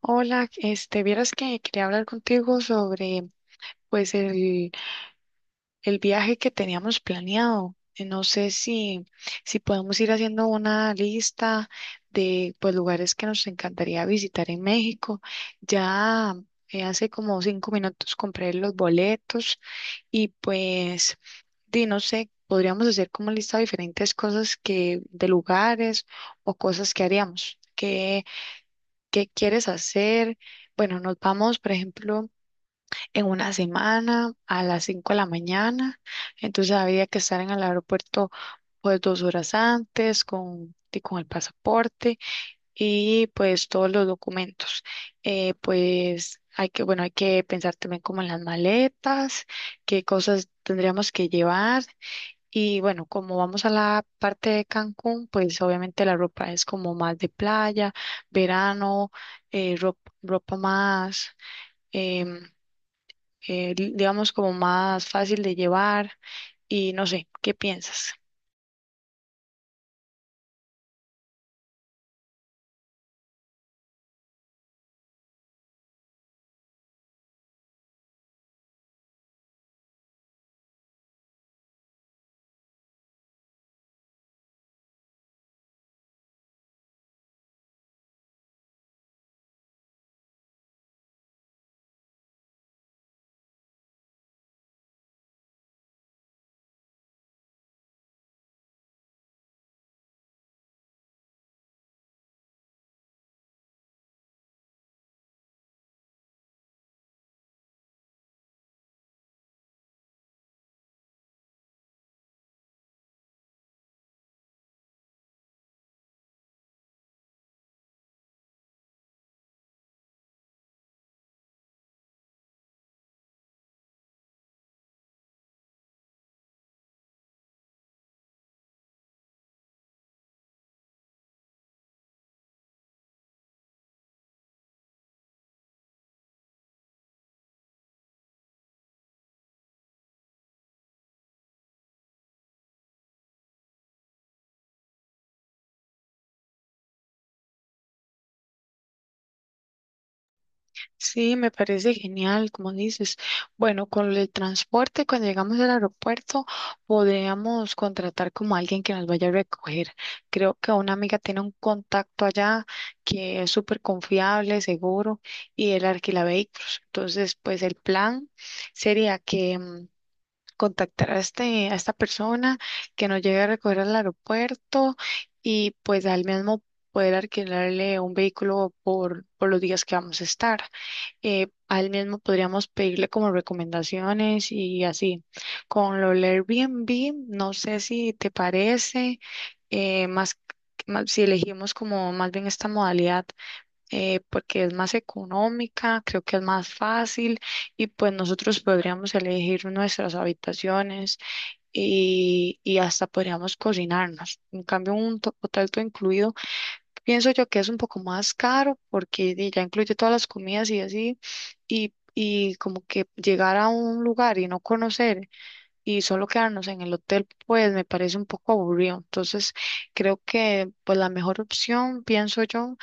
Hola, vieras que quería hablar contigo sobre, pues, el viaje que teníamos planeado. No sé si podemos ir haciendo una lista de, pues, lugares que nos encantaría visitar en México. Ya, hace como 5 minutos compré los boletos y, pues, di, no sé, podríamos hacer como lista de diferentes cosas de lugares o cosas que haríamos. ¿Qué quieres hacer? Bueno, nos vamos, por ejemplo, en una semana a las 5 de la mañana. Entonces habría que estar en el aeropuerto pues 2 horas antes y con el pasaporte y pues todos los documentos. Pues bueno, hay que pensar también como en las maletas, qué cosas tendríamos que llevar. Y bueno, como vamos a la parte de Cancún, pues obviamente la ropa es como más de playa, verano, eh, rop- ropa, más, em, digamos, como más fácil de llevar. Y no sé, ¿qué piensas? Sí, me parece genial, como dices. Bueno, con el transporte, cuando llegamos al aeropuerto, podríamos contratar como alguien que nos vaya a recoger. Creo que una amiga tiene un contacto allá que es súper confiable, seguro, y él alquila vehículos. Entonces, pues el plan sería contactar a esta persona que nos llegue a recoger al aeropuerto y pues al mismo poder alquilarle un vehículo por los días que vamos a estar. A él mismo podríamos pedirle como recomendaciones y así. Con lo del Airbnb, no sé si te parece, eh, más, si elegimos como más bien esta modalidad, porque es más económica, creo que es más fácil y pues nosotros podríamos elegir nuestras habitaciones y hasta podríamos cocinarnos. En cambio, un hotel todo incluido. Pienso yo que es un poco más caro porque di, ya incluye todas las comidas y así, y como que llegar a un lugar y no conocer y solo quedarnos en el hotel, pues me parece un poco aburrido. Entonces, creo que pues la mejor opción, pienso yo,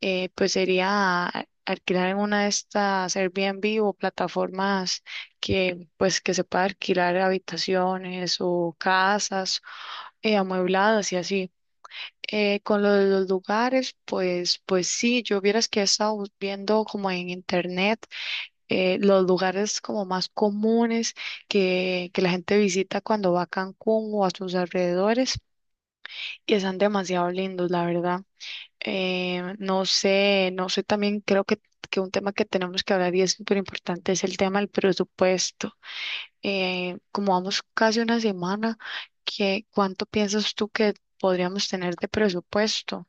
pues sería alquilar en una de estas Airbnb o plataformas que pues que se pueda alquilar habitaciones o casas amuebladas y así. Con lo de los lugares, pues sí, yo vieras que he estado viendo como en internet los lugares como más comunes que la gente visita cuando va a Cancún o a sus alrededores y están demasiado lindos, la verdad. No sé, también creo que un tema que tenemos que hablar y es súper importante es el tema del presupuesto. Como vamos casi una semana, ¿cuánto piensas tú que podríamos tener de presupuesto?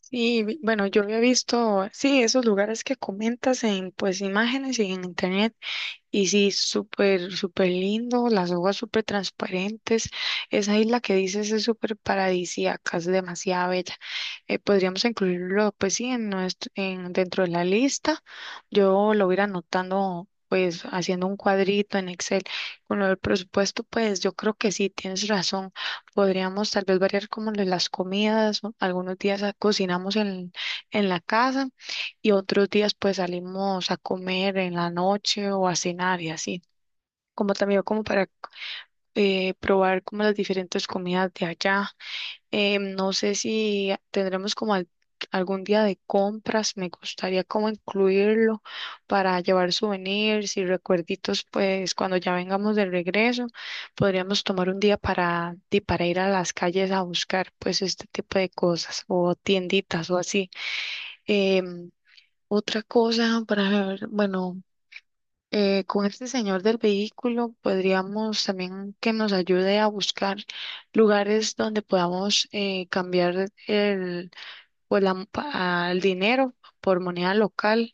Sí, bueno, yo había visto, sí, esos lugares que comentas en pues imágenes y en internet. Y sí, súper, súper lindo, las hojas súper transparentes. Esa isla que dices es súper paradisíaca, es demasiado bella. Podríamos incluirlo, pues sí, dentro de la lista. Yo lo voy a ir anotando, pues haciendo un cuadrito en Excel. Con lo del presupuesto, pues yo creo que sí, tienes razón. Podríamos tal vez variar como lo de las comidas, o algunos días cocinamos en la casa y otros días pues salimos a comer en la noche o a cenar y así, como también como para probar como las diferentes comidas de allá. No sé si tendremos como algún día de compras, me gustaría como incluirlo para llevar souvenirs y recuerditos, pues cuando ya vengamos de regreso, podríamos tomar un día para ir a las calles a buscar pues este tipo de cosas o tienditas o así. Em, otra cosa para ver, bueno, con este señor del vehículo podríamos también que nos ayude a buscar lugares donde podamos cambiar el, o la- pa- el dinero por moneda local.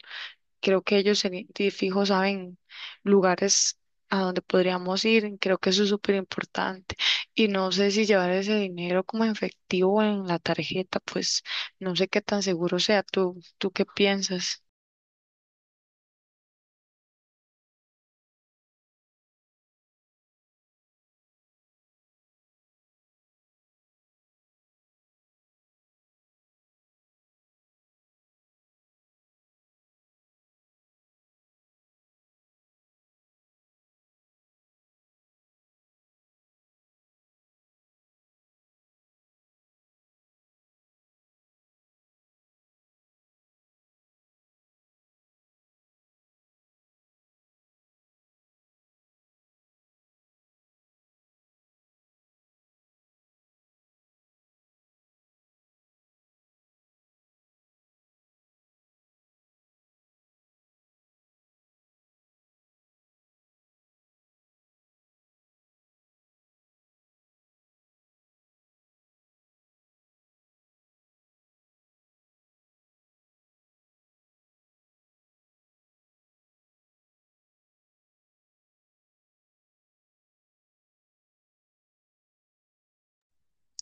Creo que ellos de fijo saben lugares a donde podríamos ir. Creo que eso es súper importante. Y no sé si llevar ese dinero como en efectivo o en la tarjeta, pues no sé qué tan seguro sea. ¿Tú qué piensas?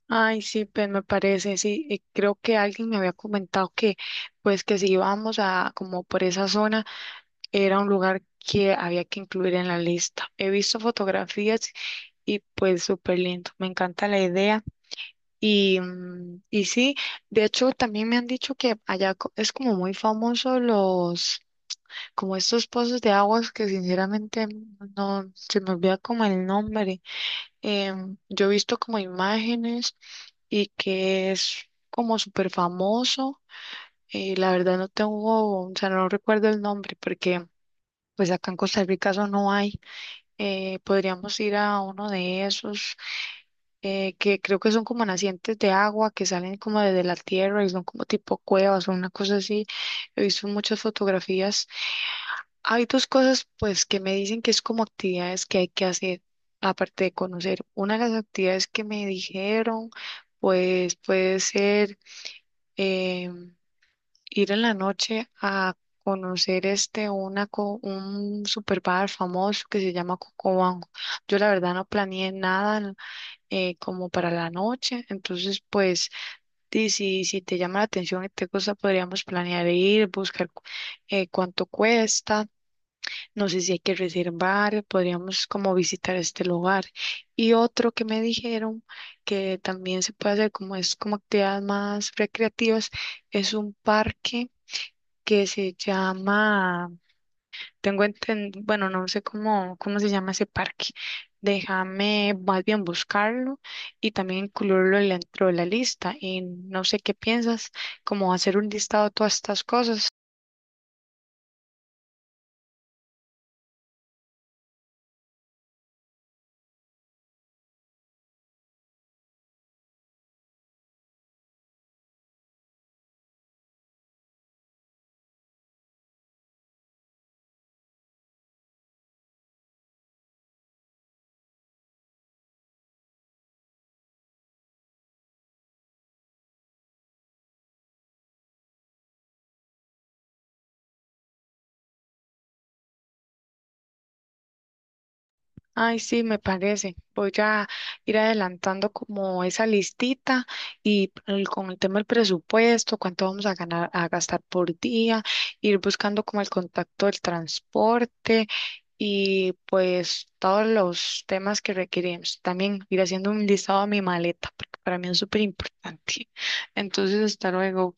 Ay, sí, pues me parece, sí, y creo que alguien me había comentado pues que si íbamos como por esa zona, era un lugar que había que incluir en la lista. He visto fotografías y pues súper lindo, me encanta la idea. Y sí, de hecho también me han dicho que allá es como muy famoso los, como estos pozos de aguas que sinceramente no, se me olvida como el nombre. Yo he visto como imágenes y que es como súper famoso. La verdad no tengo, o sea, no recuerdo el nombre porque pues acá en Costa Rica eso no hay. Podríamos ir a uno de esos, que creo que son como nacientes de agua que salen como desde la tierra y son como tipo cuevas o una cosa así. He visto muchas fotografías. Hay dos cosas, pues, que me dicen que es como actividades que hay que hacer, aparte de conocer. Una de las actividades que me dijeron, pues, puede ser, eh, ir en la noche a conocer un super bar famoso que se llama Cocobanco. Yo la verdad no planeé nada, como para la noche. Entonces, pues, si te llama la atención y te gusta, podríamos planear ir, buscar cuánto cuesta. No sé si hay que reservar, podríamos como visitar este lugar. Y otro que me dijeron que también se puede hacer, como es como actividades más recreativas, es un parque que se llama, tengo entendido, bueno, no sé cómo se llama ese parque. Déjame más bien buscarlo y también incluirlo dentro de la lista. Y no sé qué piensas, como hacer un listado de todas estas cosas. Ay, sí, me parece. Voy a ir adelantando como esa listita y con el tema del presupuesto, cuánto vamos a gastar por día, ir buscando como el contacto del transporte y pues todos los temas que requerimos. También ir haciendo un listado a mi maleta, porque para mí es súper importante. Entonces, hasta luego.